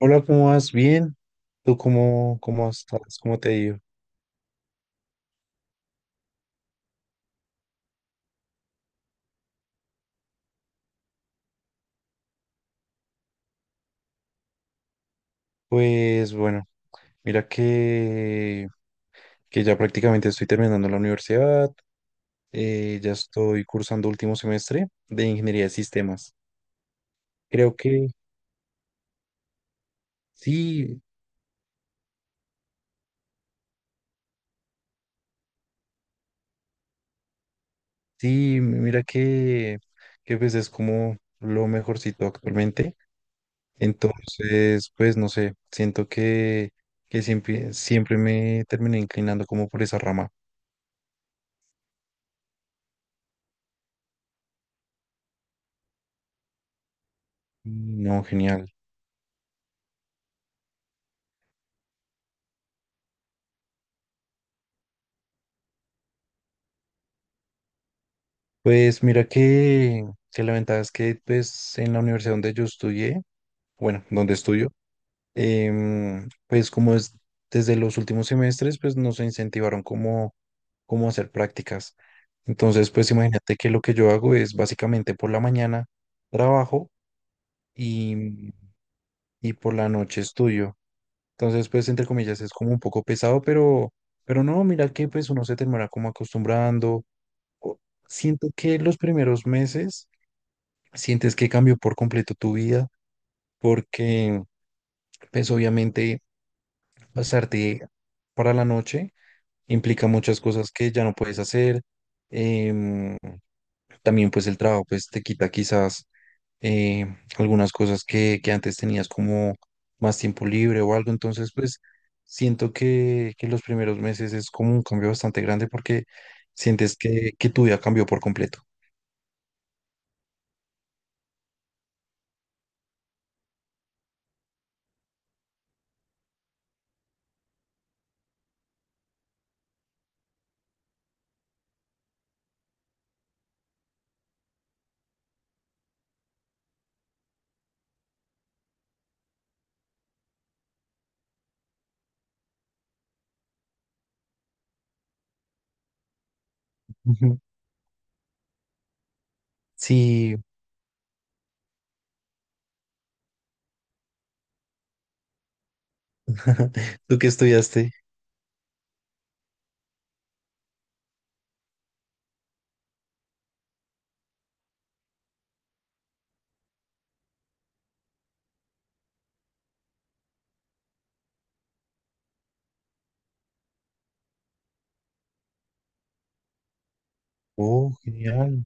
Hola, ¿cómo vas? Bien. ¿Tú cómo estás? ¿Cómo te ha ido? Pues bueno, mira que ya prácticamente estoy terminando la universidad, ya estoy cursando último semestre de ingeniería de sistemas. Creo que sí, sí, mira que pues es como lo mejorcito actualmente. Entonces, pues no sé, siento que siempre me terminé inclinando como por esa rama. No, genial. Pues mira que la ventaja es que pues en la universidad donde yo estudié, bueno, donde estudio, pues como es desde los últimos semestres, pues nos incentivaron como hacer prácticas. Entonces, pues imagínate que lo que yo hago es básicamente por la mañana trabajo y, y por la noche estudio. Entonces, pues entre comillas es como un poco pesado, pero no, mira que pues uno se termina como acostumbrando. O- Siento que los primeros meses sientes que cambió por completo tu vida, porque pues obviamente pasarte para la noche implica muchas cosas que ya no puedes hacer. em, También pues el trabajo pues te quita quizás eh, algunas cosas que antes tenías como más tiempo libre o algo. Entonces pues siento que los primeros meses es como un cambio bastante grande porque sientes que tu vida cambió por completo. Ujú. Sí, tú que estudiaste. Oh, genial.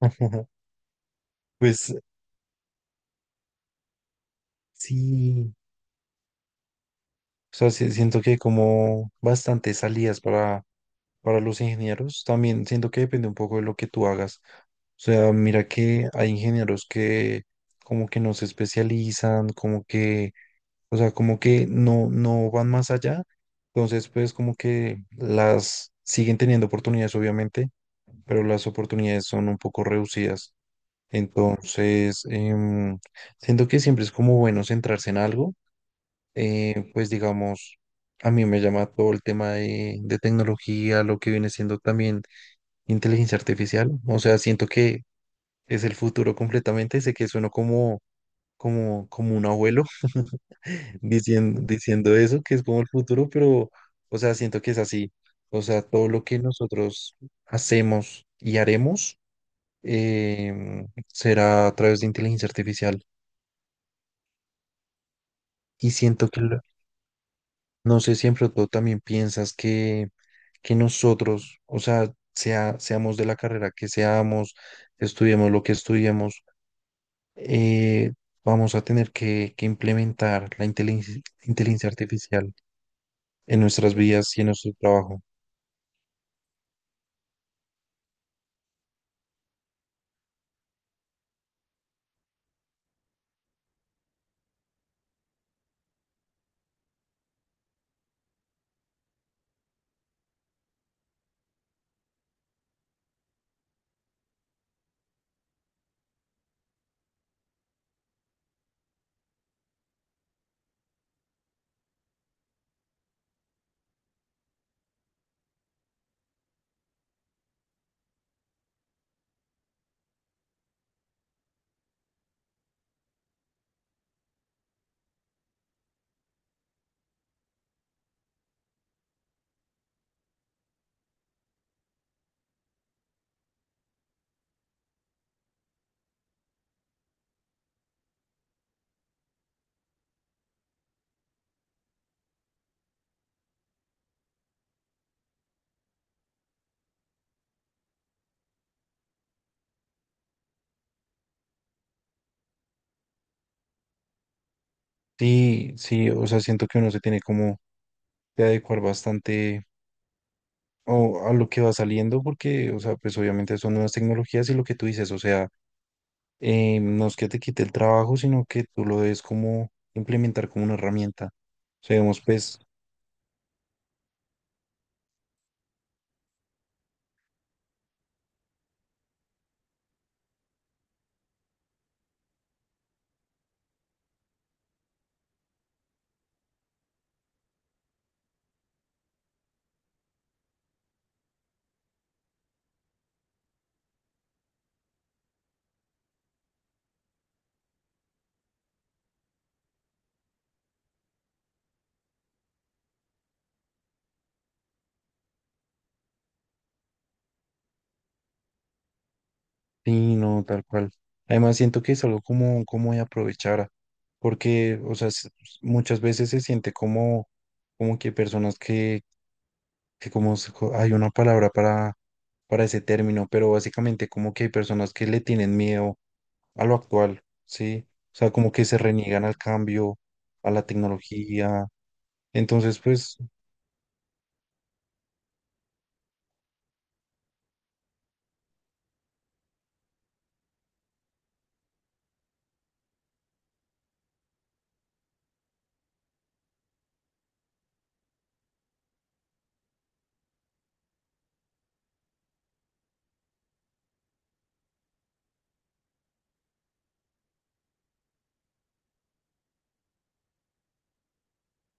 Pues sí, o sea, siento que hay como bastantes salidas para los ingenieros. También siento que depende un poco de lo que tú hagas. O sea, mira que hay ingenieros que como que no se especializan, como que, o sea, como que no van más allá. Entonces, pues como que las siguen teniendo oportunidades, obviamente, pero las oportunidades son un poco reducidas. Entonces, siento que siempre es como bueno centrarse en algo, pues digamos, a mí me llama todo el tema de tecnología, lo que viene siendo también inteligencia artificial. O sea, siento que es el futuro completamente. Sé que sueno como un abuelo diciendo eso, que es como el futuro, pero, o sea, siento que es así. O sea, todo lo que nosotros hacemos y haremos, será a través de inteligencia artificial. Y siento que, no sé si en pronto también piensas que nosotros, o sea, seamos de la carrera que seamos, estudiemos lo que estudiemos, eh, vamos a tener que implementar la inteligencia artificial en nuestras vidas y en nuestro trabajo. Sí, sí, o sea, siento que uno se tiene como que adecuar bastante o, a lo que va saliendo, porque, o sea, pues obviamente son nuevas tecnologías y lo que tú dices, o sea, no es que te quite el trabajo, sino que tú lo debes como implementar como una herramienta. O sea, digamos, pues sí, no, tal cual. Además, siento que es algo como, como de aprovechar, porque, o sea, muchas veces se siente como, como que personas que hay una palabra para ese término, pero básicamente como que hay personas que le tienen miedo a lo actual, ¿sí? O sea, como que se reniegan al cambio, a la tecnología. Entonces, pues,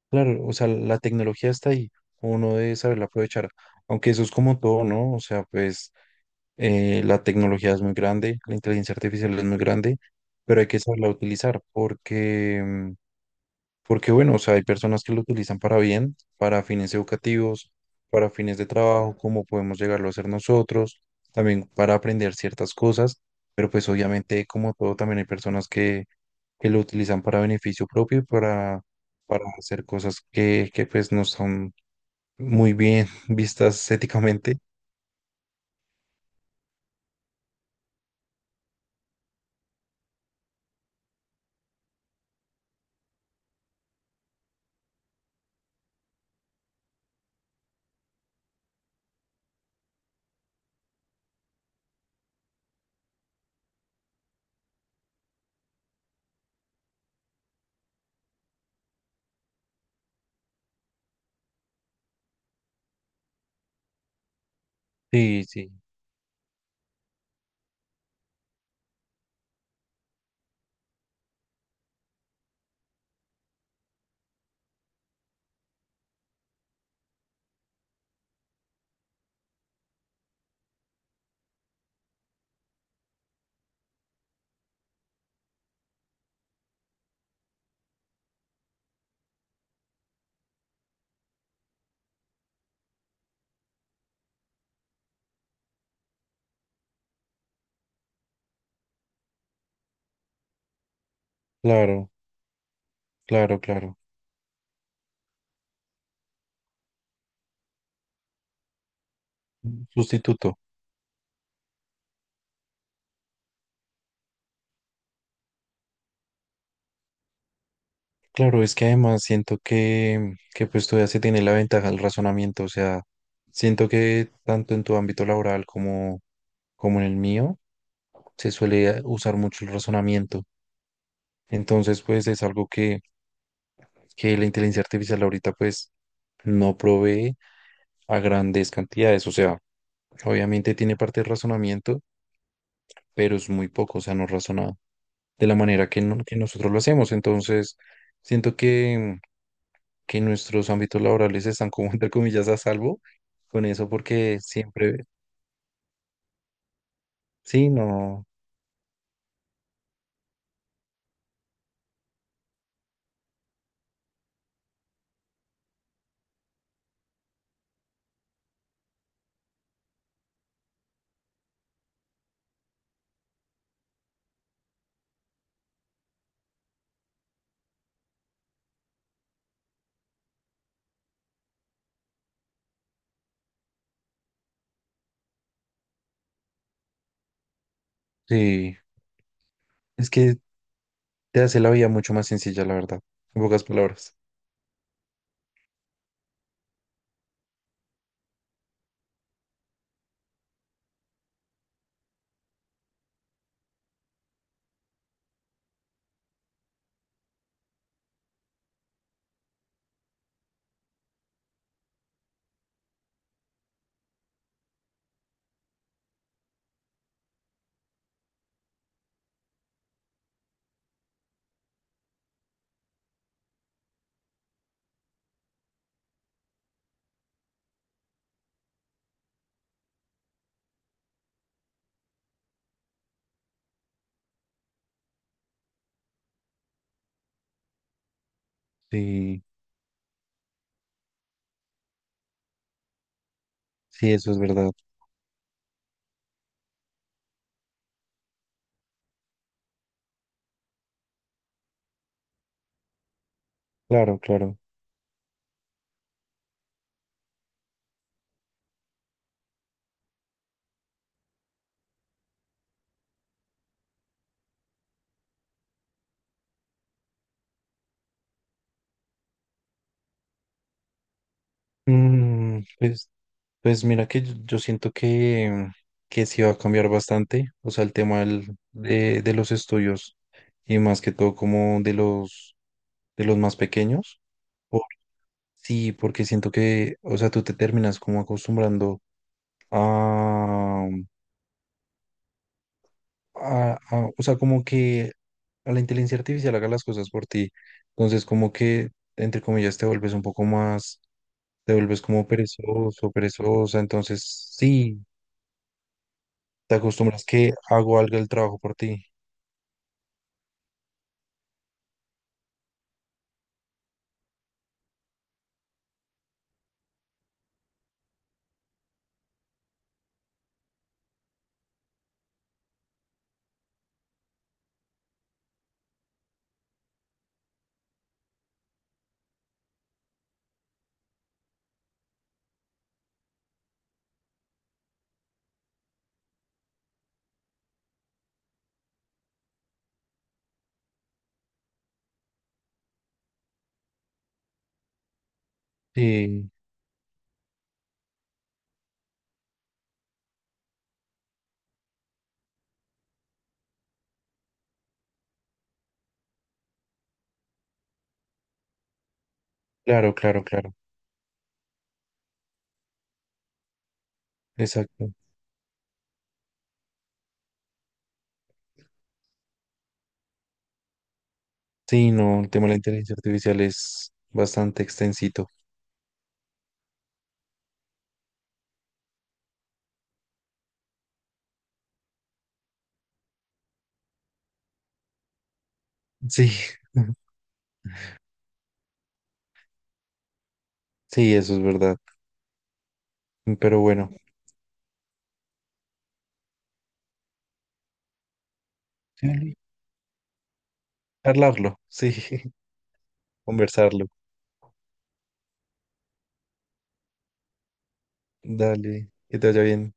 claro, o sea, la tecnología está ahí, uno debe saberla aprovechar, aunque eso es como todo, ¿no? O sea, pues la tecnología es muy grande, la inteligencia artificial es muy grande, pero hay que saberla utilizar porque, porque bueno, o sea, hay personas que lo utilizan para bien, para fines educativos, para fines de trabajo, como podemos llegarlo a hacer nosotros, también para aprender ciertas cosas, pero pues obviamente como todo también hay personas que lo utilizan para beneficio propio y para hacer cosas que pues no son muy bien vistas éticamente. Sí, sí, claro, claro, claro. Sustituto. Claro, es que además siento que pues tú ya se tiene la ventaja del razonamiento, o sea, siento que tanto en tu ámbito laboral como, como en el mío se suele usar mucho el razonamiento. Entonces, pues es algo que la inteligencia artificial ahorita pues no provee a grandes cantidades, o sea, obviamente tiene parte de razonamiento, pero es muy poco, o sea, no razona de la manera que, no- que nosotros lo hacemos. Entonces, siento que nuestros ámbitos laborales están como entre comillas a salvo con eso porque siempre, sí, no, sí, es que te hace la vida mucho más sencilla, la verdad, en pocas palabras. Sí, sí, eso es verdad. Claro, claro. Mm, pues, pues mira que yo siento que sí va a cambiar bastante, o sea, el tema de los estudios y más que todo como de los más pequeños. Por- sí, porque siento que, o sea, tú te terminas como acostumbrando a, a o sea, como que a la inteligencia artificial haga las cosas por ti. Entonces, como que, entre comillas, te vuelves un poco más, te vuelves como perezoso, perezosa. Entonces, sí, te acostumbras que hago algo el trabajo por ti. Sí, claro, claro, claro. Exacto. Sí, no, el tema de la inteligencia artificial es bastante extensito. Sí, sí, eso es verdad. Pero bueno, sí, hablarlo, sí, conversarlo. Dale, que te vaya bien.